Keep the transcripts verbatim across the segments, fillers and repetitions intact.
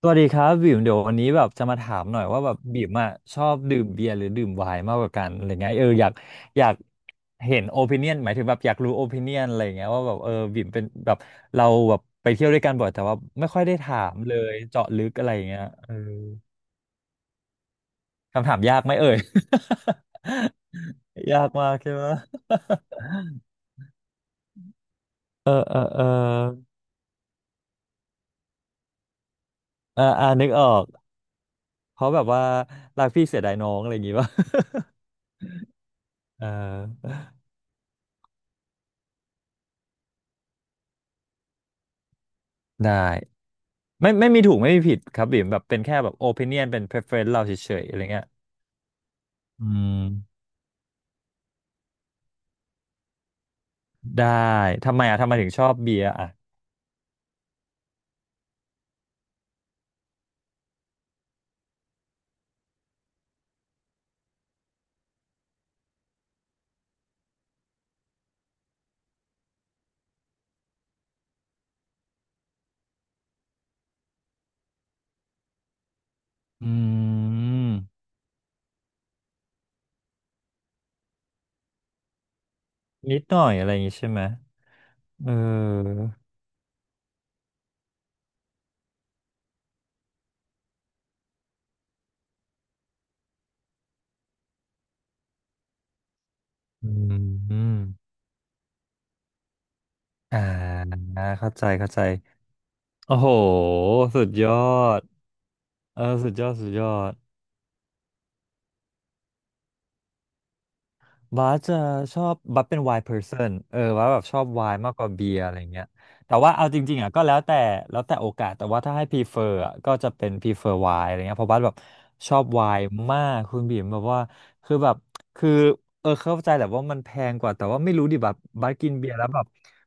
สวัสดีครับบิ่มเดี๋ยววันนี้แบบจะมาถามหน่อยว่าแบบบิ่มอะชอบดื่มเบียร์หรือดื่มไวน์มากกว่ากันอะไรเงี้ยเอออยากอยากเห็นโอปิเนียนหมายถึงแบบอยากรู้โอปิเนียนอะไรเงี้ยว่าแบบเออบิ่มเป็นแบบเราแบบไปเที่ยวด้วยกันบ่อยแต่ว่าไม่ค่อยได้ถามเลยเจาะลึกอะไรเงี้ยเออคำถามยากไหมเอ่ย ยากมากใช่ไหมเออเออเออเอออ่านึกออกเพราะแบบว่ารักพี่เสียดายน้องอะไรอย่างงี้ป่ะ เออได้ ไม่ไม่มีถูกไม่มีผิดครับบิ่มแบบเป็นแค่แบบ opinion เป็น preference เราเฉยๆอะไรเงี้ยอืมได้ทำไมอ่ะทำไมถึงชอบเบียร์อ่ะอืมนิดหน่อยอะไรอย่างงี้ใช่ไหมเอออืมอ่าเข้าใจเข้าใจโอ้โหสุดยอดเออสุดยอดสุดยอด บาสจะชอบบัสเป็น wine person เออบัสแบบชอบ wine มากกว่าเบียร์อะไรเงี้ยแต่ว่าเอาจริงๆอ่ะก็แล้วแต่แล้วแต่โอกาสแต่ว่าถ้าให้ prefer อ่ะก็จะเป็น prefer wine อะไรเงี้ยเพราะบัสแบบชอบ wine มากคุณบีมแบบว่าคือแบบคือเออเข้าใจแหละว่ามันแพงกว่าแต่ว่าไม่รู้ดิแบบบัสกินเบียร์แล้วแบบ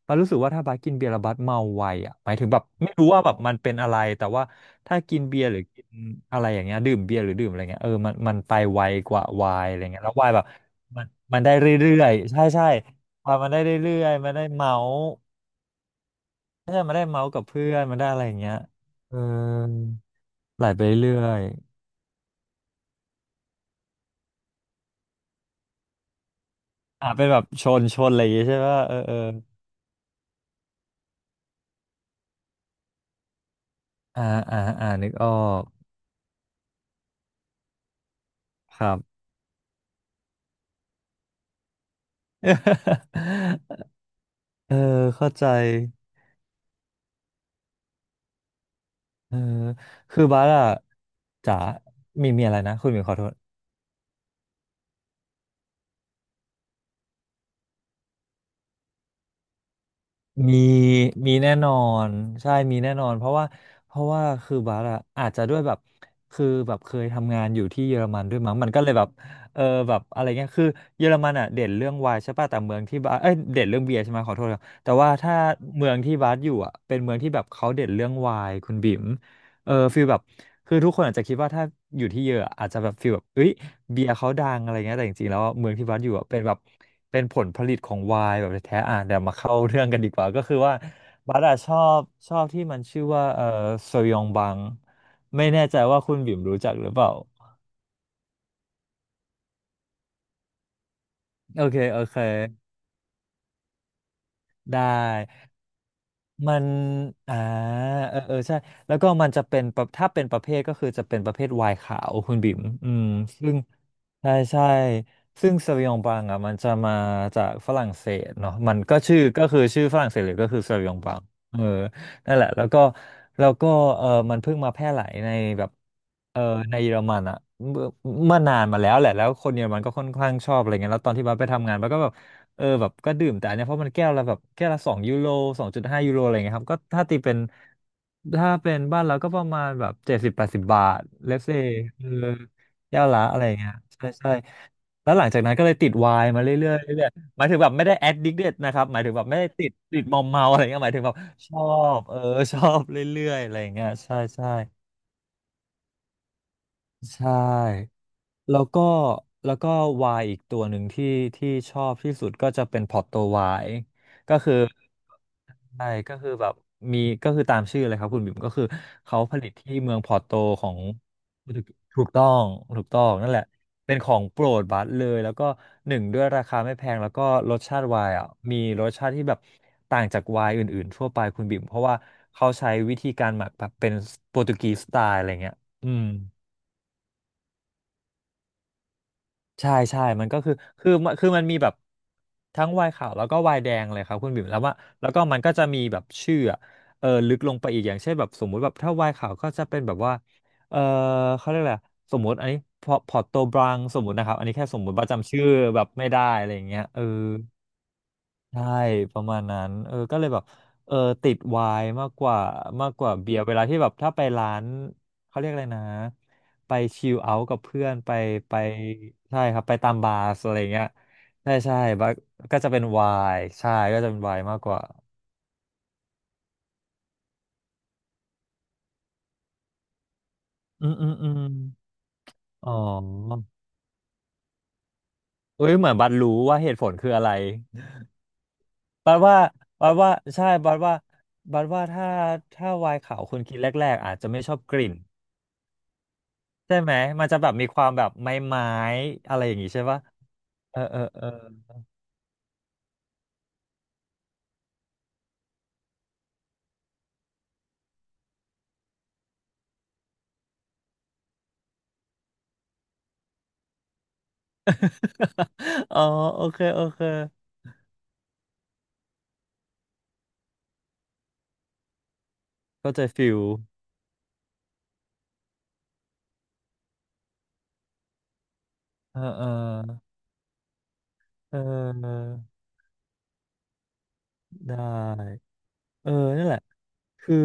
บัสรู้สึกว่าถ้าบัสกินเบียร์แล้วบัสเมาไวอ่ะหมายถึงแบบไม่รู้ว่าแบบมันเป็นอะไรแต่ว่าถ้ากินเบียร์หรือกินอะไรอย่างเงี้ยดื่มเบียร์หรือดื่มอะไรเงี้ยเออมันมันไปไวกว่าไวน์อะไรเงี้ยแล้วไวน์แบบ มันมันได้เรื่อยๆใช่ใช่พอมันได้เรื่อยๆมันได้เมาส์ไม่ใช่มันได้เมาส์กับเพื่อนมันได้อะไรอย่างเงี้ยเออไหลไปเรื่อยๆอ่าเป็นแบบชนชนอะไรอย่างเงี้ยใช่ป่ะเออเอออ่าอ่าอ่านึกออกครับ เออเข้าใจเออคือบาร์อะจ๋ามีมีอะไรนะคุณหมีขอโทษ มีมีแน่นอนใช่มีแน่นอนเพราะว่าเพราะว่าคือบาร์อะอาจจะด้วยแบบคือแบบเคยทำงานอยู่ที่เยอรมันด้วยมั้งมันก็เลยแบบเออแบบอะไรเงี้ยคือเยอรมันอะเด่นเรื่องไวน์ใช่ป่ะแต่เมืองที่บาร์เอ้ยเด่นเรื่องเบียร์ใช่ไหมขอโทษครับแต่ว่าถ้าเมืองที่บาร์อยู่อะเป็นเมืองที่แบบเขาเด่นเรื่องไวน์คุณบิ๋ม เออฟีลแบบคือทุกคนอาจจะคิดว่าถ้าอยู่ที่เยอะอะอาจจะแบบฟีลแบบเอ้ยเบียร์เขาดังอะไรเงี้ยแต่จริงๆแล้วอะเมืองที่บัสอยู่อะเป็นแบบเป็นผลผลิตของไวน์แบบแท้ๆอ่ะเดี๋ยวมาเข้าเรื่องกันดีกว่าก็คือว่าบัสอะชอบชอบที่มันชื่อว่าเออโซยองบังไม่แน่ใจว่าคุณบิ่มรู้จักหรือเปล่าโอเคโอเค ได้มันอ่าเออเออใช่แล้วก็มันจะเป็นประถ้าเป็นประเภทก็คือจะเป็นประเภทไวน์ขาวคุณบิ๋มอืมซึ่งใช่ใช่ซึ่งซาวิองบลังอ่ะมันจะมาจากฝรั่งเศสเนาะมันก็ชื่อก็คือชื่อฝรั่งเศสเลยก็คือซาวิองบางเออนั่นแหละแล้วก็แล้วก็เออมันเพิ่งมาแพร่หลายในแบบเออในเยอรมันอ่ะเมื่อเมื่อนานมาแล้วแหละแล้วคนเยอรมันก็ค่อนข้างชอบอะไรเงี้ยแล้วตอนที่บัสไปทำงานบัสก็แบบ เออแบบก็ดื่มแต่อันเนี้ยเพราะมันแก้วละแบบแก้วละสองยูโรสองจุดห้ายูโรอะไรเงี้ยครับก็ถ้าตีเป็นถ้าเป็นบ้านเราก็ประมาณแบบเจ็ดสิบแปดสิบบาทเลฟเซเออแก้วละอะไรเงี้ยใช่ใช่แล้วหลังจากนั้นก็เลยติดไวน์มาเรื่อยๆเรื่อยๆหมายถึงแบบไม่ได้แอดดิกเดนะครับหมายถึงแบบไม่ได้ติดติดมอมเมาอะไรเงี้ยหมายถึงแบบชอบเออ ชอบเรื่อยๆอะไรเงี้ยใช่ใช่ใช่แล้วก็แล้วก็ไวน์อีกตัวหนึ่งที่ที่ชอบที่สุดก็จะเป็นพอร์โตไวน์ก็คือ ใช่ก็คือแบบมีก็คือตามชื่อเลยครับคุณบิ่มก็คือเขาผลิตที่เมืองพอร์โตของโปรตุเกสถูกต้องถูกต้องนั่นแหละเป็นของโปรดบัสเลยแล้วก็หนึ่งด้วยราคาไม่แพงแล้วก็รสชาติไวน์อ่ะมีรสชาติที่แบบต่างจากไวน์อื่นๆทั่วไปคุณบิ่มเพราะว่าเขาใช้วิธีการหมักแบบเป็นโปรตุเกีสไตล์อะไรเงี้ยอืม ใช่ใช่มันก็คือคือมันคือมันมีแบบทั้งวายขาวแล้วก็วายแดงเลยครับคุณบิ่มแล้วว่าแล้วก็มันก็จะมีแบบชื่ออะเออลึกลงไปอีกอย่างเช่นแบบสมมุติแบบถ้าวายขาวก็จะเป็นแบบว่าเออเขาเรียกอะไรอะสมมุติอันนี้พอพอร์โตบรังสมมุตินะครับอันนี้แค่สมมุติว่าจำชื่อแบบไม่ได้อะไรอย่างเงี้ยเออ ใช่ประมาณนั้นเออก็เลยแบบเออติดไวน์มากกว่ามากกว่าเบียร์เวลาที่แบบถ้าไปร้านเขาเรียกอะไรนะไปชิลเอาท์กับเพื่อนไปไปใช่ครับไปตามบาร์สอะไรเงี้ยใช่ใช่บาร์ก็จะเป็นไวน์ใช่ก็จะเป็นไวน์มากกว่าอืมอืมอืมอ๋อเอ้ยเหมือนบัดรู้ว่าเหตุผลคืออะไรบัดว่าบัดว่าใช่บัดว่าบัดว่าถ้าถ้าไวน์ขาวคนกินแรกๆอาจจะไม่ชอบกลิ่น ใช่ไหมมันจะแบบมีความแบบไม้ไม้อะไรอย่างงี้ใช่ปะเออเออเออ อ๋อโอเคโอเคเข้าใจฟิลเออเออเออได้เออนั่นแหละ คือ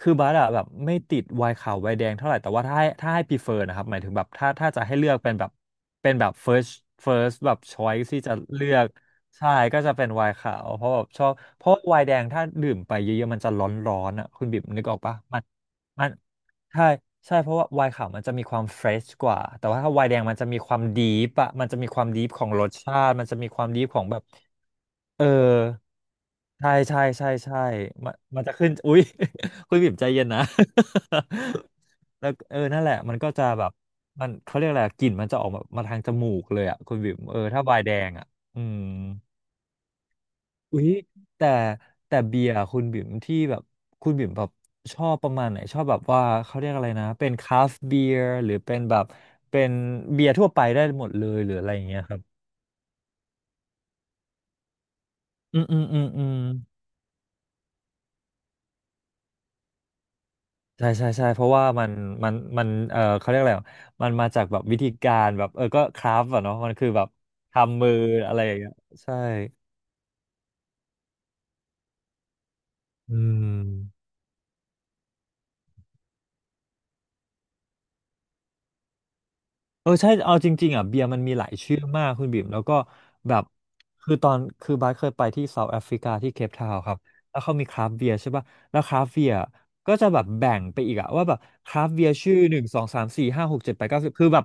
คือบาร์อะแบบไม่ติดไวน์ขาวไวน์แดงเท่าไหร่แต่ว่าถ้าให้ถ้าให้พรเฟอนะครับหมายถึงแบบถ้าถ้าจะให้เลือกเป็นแบบเป็นแบบ first first แบบ choice ที่จะเลือกใช่ก็จะเป็นไวน์ขาวเพราะแบบชอบเพราะวไวน์แดงถ้าดื่มไปเยอะๆมันจะร้อนๆอ่ะคุณบิ๊มนึกออกปะมันมัน ใช่ใช่เพราะว่าไวน์ขาวมันจะมีความเฟรชกว่าแต่ว่าถ้าไวน์แดงมันจะมีความดีปอะมันจะมีความดีฟของรสชาติมันจะมีความดีฟของแบบเออใช่ใช่ใช่ใช่มันมันจะขึ้น อุ๊ย คุณบ่มใจเย็นนะ แล้วเออนั่นแหละมันก็จะแบบมันเขาเรียกอะไรกลิ่นมันจะออกมามาทางจมูกเลยอะคุณบ่มเออถ้าไวน์แดงอะอืม อุ๊ยแต่แต่เบียร์คุณบิ่มที่แบบคุณบิ่มแบบชอบประมาณไหนชอบแบบว่าเขาเรียกอะไรนะเป็นคราฟต์เบียร์หรือเป็นแบบเป็นเบียร์ทั่วไปได้หมดเลยหรืออะไรอย่างเงี้ยครับอืมอืมอืมอืมใช่ใช่ใช่เพราะว่ามันมันมันเออเขาเรียกอะไรอะมันมาจากแบบวิธีการแบบเออก็คราฟต์อะเนาะมันคือแบบทำมืออะไรอย่างเงี้ยใช่อืม เออใช่เอาจริงๆอ่ะเบียร์มันมีหลายชื่อมากคุณบิ่มแล้วก็แบบคือตอนคือบาสเคยไปที่เซาท์แอฟริกาที่เคปทาวน์ครับแล้วเขามีคราฟต์เบียร์ใช่ป่ะแล้วคราฟต์เบียร์ก็จะแบบแบ่งไปอีกอะว่าแบบคราฟต์เบียร์ชื่อหนึ่งสองสามสี่ห้าหกเจ็ดแปดเก้าสิบคือแบบ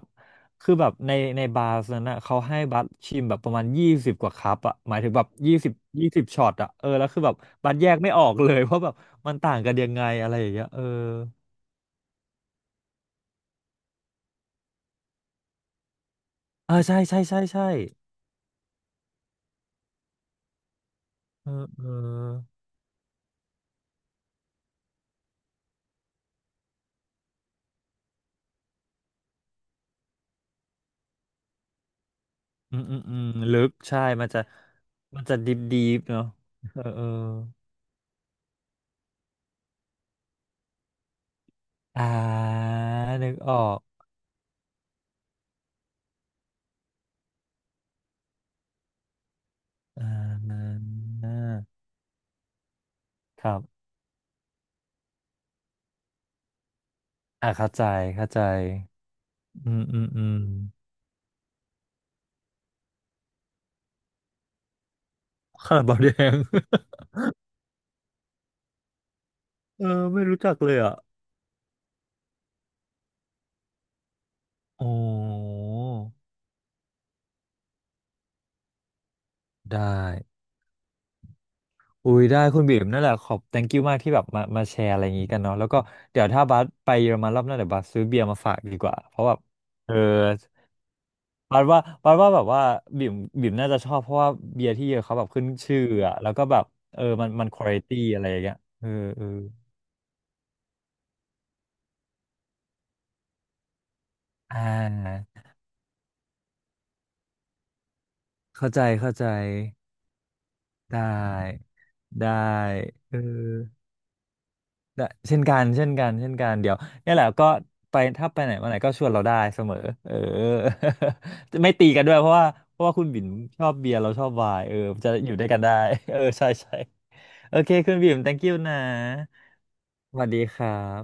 คือแบบในในบาร์นั้นนะเขาให้บัสชิมแบบประมาณยี่สิบกว่าคัพอะหมายถึงแบบยี่สิบยี่สิบช็อตอะเออแล้วคือแบบบัสแยกไม่ออกเลยว่าแบบมันต่างกันยังไงอะไรอย่างเงี้ยเออเออใช่ใช่ใช่ใช่เออเออ อืมอืมอืมลึกใช่มันจะมันจะดิบดิบเนาะเออเอออ่านึกออกอ่าครับอ่าเข้าใจเข้าใจอืมอืมอืมคาราบาวแดง เออไม่รู้จักเลยอ่ะโอ้ได้อุ้ยได้คุณบีมนั่นแหละขอบ thank you มากที่แบบมามาแชร์อะไรอย่างงี้กันเนาะแล้วก็เดี๋ยวถ้าบัสไปเยอรมันรอบหน้าเดี๋ยวบัสซื้อเบียร์มาฝากดีกว่าเพราะแบบเออ ปาดว่าปาดว่าแบบว่าบิ่มบิ่มน่าจะชอบเพราะว่าเบียร์ที่เขาแบบขึ้นชื่ออะแล้วก็แบบเออมันมันควอลิตี้อะไรอย่างเงี้ยเออเอออ่าเข้าใจเข้าใจได้ได้เออ ได้เช่นกันเช่นกันเช่นกันเดี๋ยวเนี่ยแหละก็ไปถ้าไปไหนมาไหนก็ชวนเราได้เสมอเออ จะไม่ตีกันด้วยเพราะว่าเพราะว่าคุณบิ่มชอบเบียร์เราชอบไวน์เออจะอยู่ด้วยกันได้ เออใช่ใช่โอเคคุณบิ่ม thank you นะสวัสดีครับ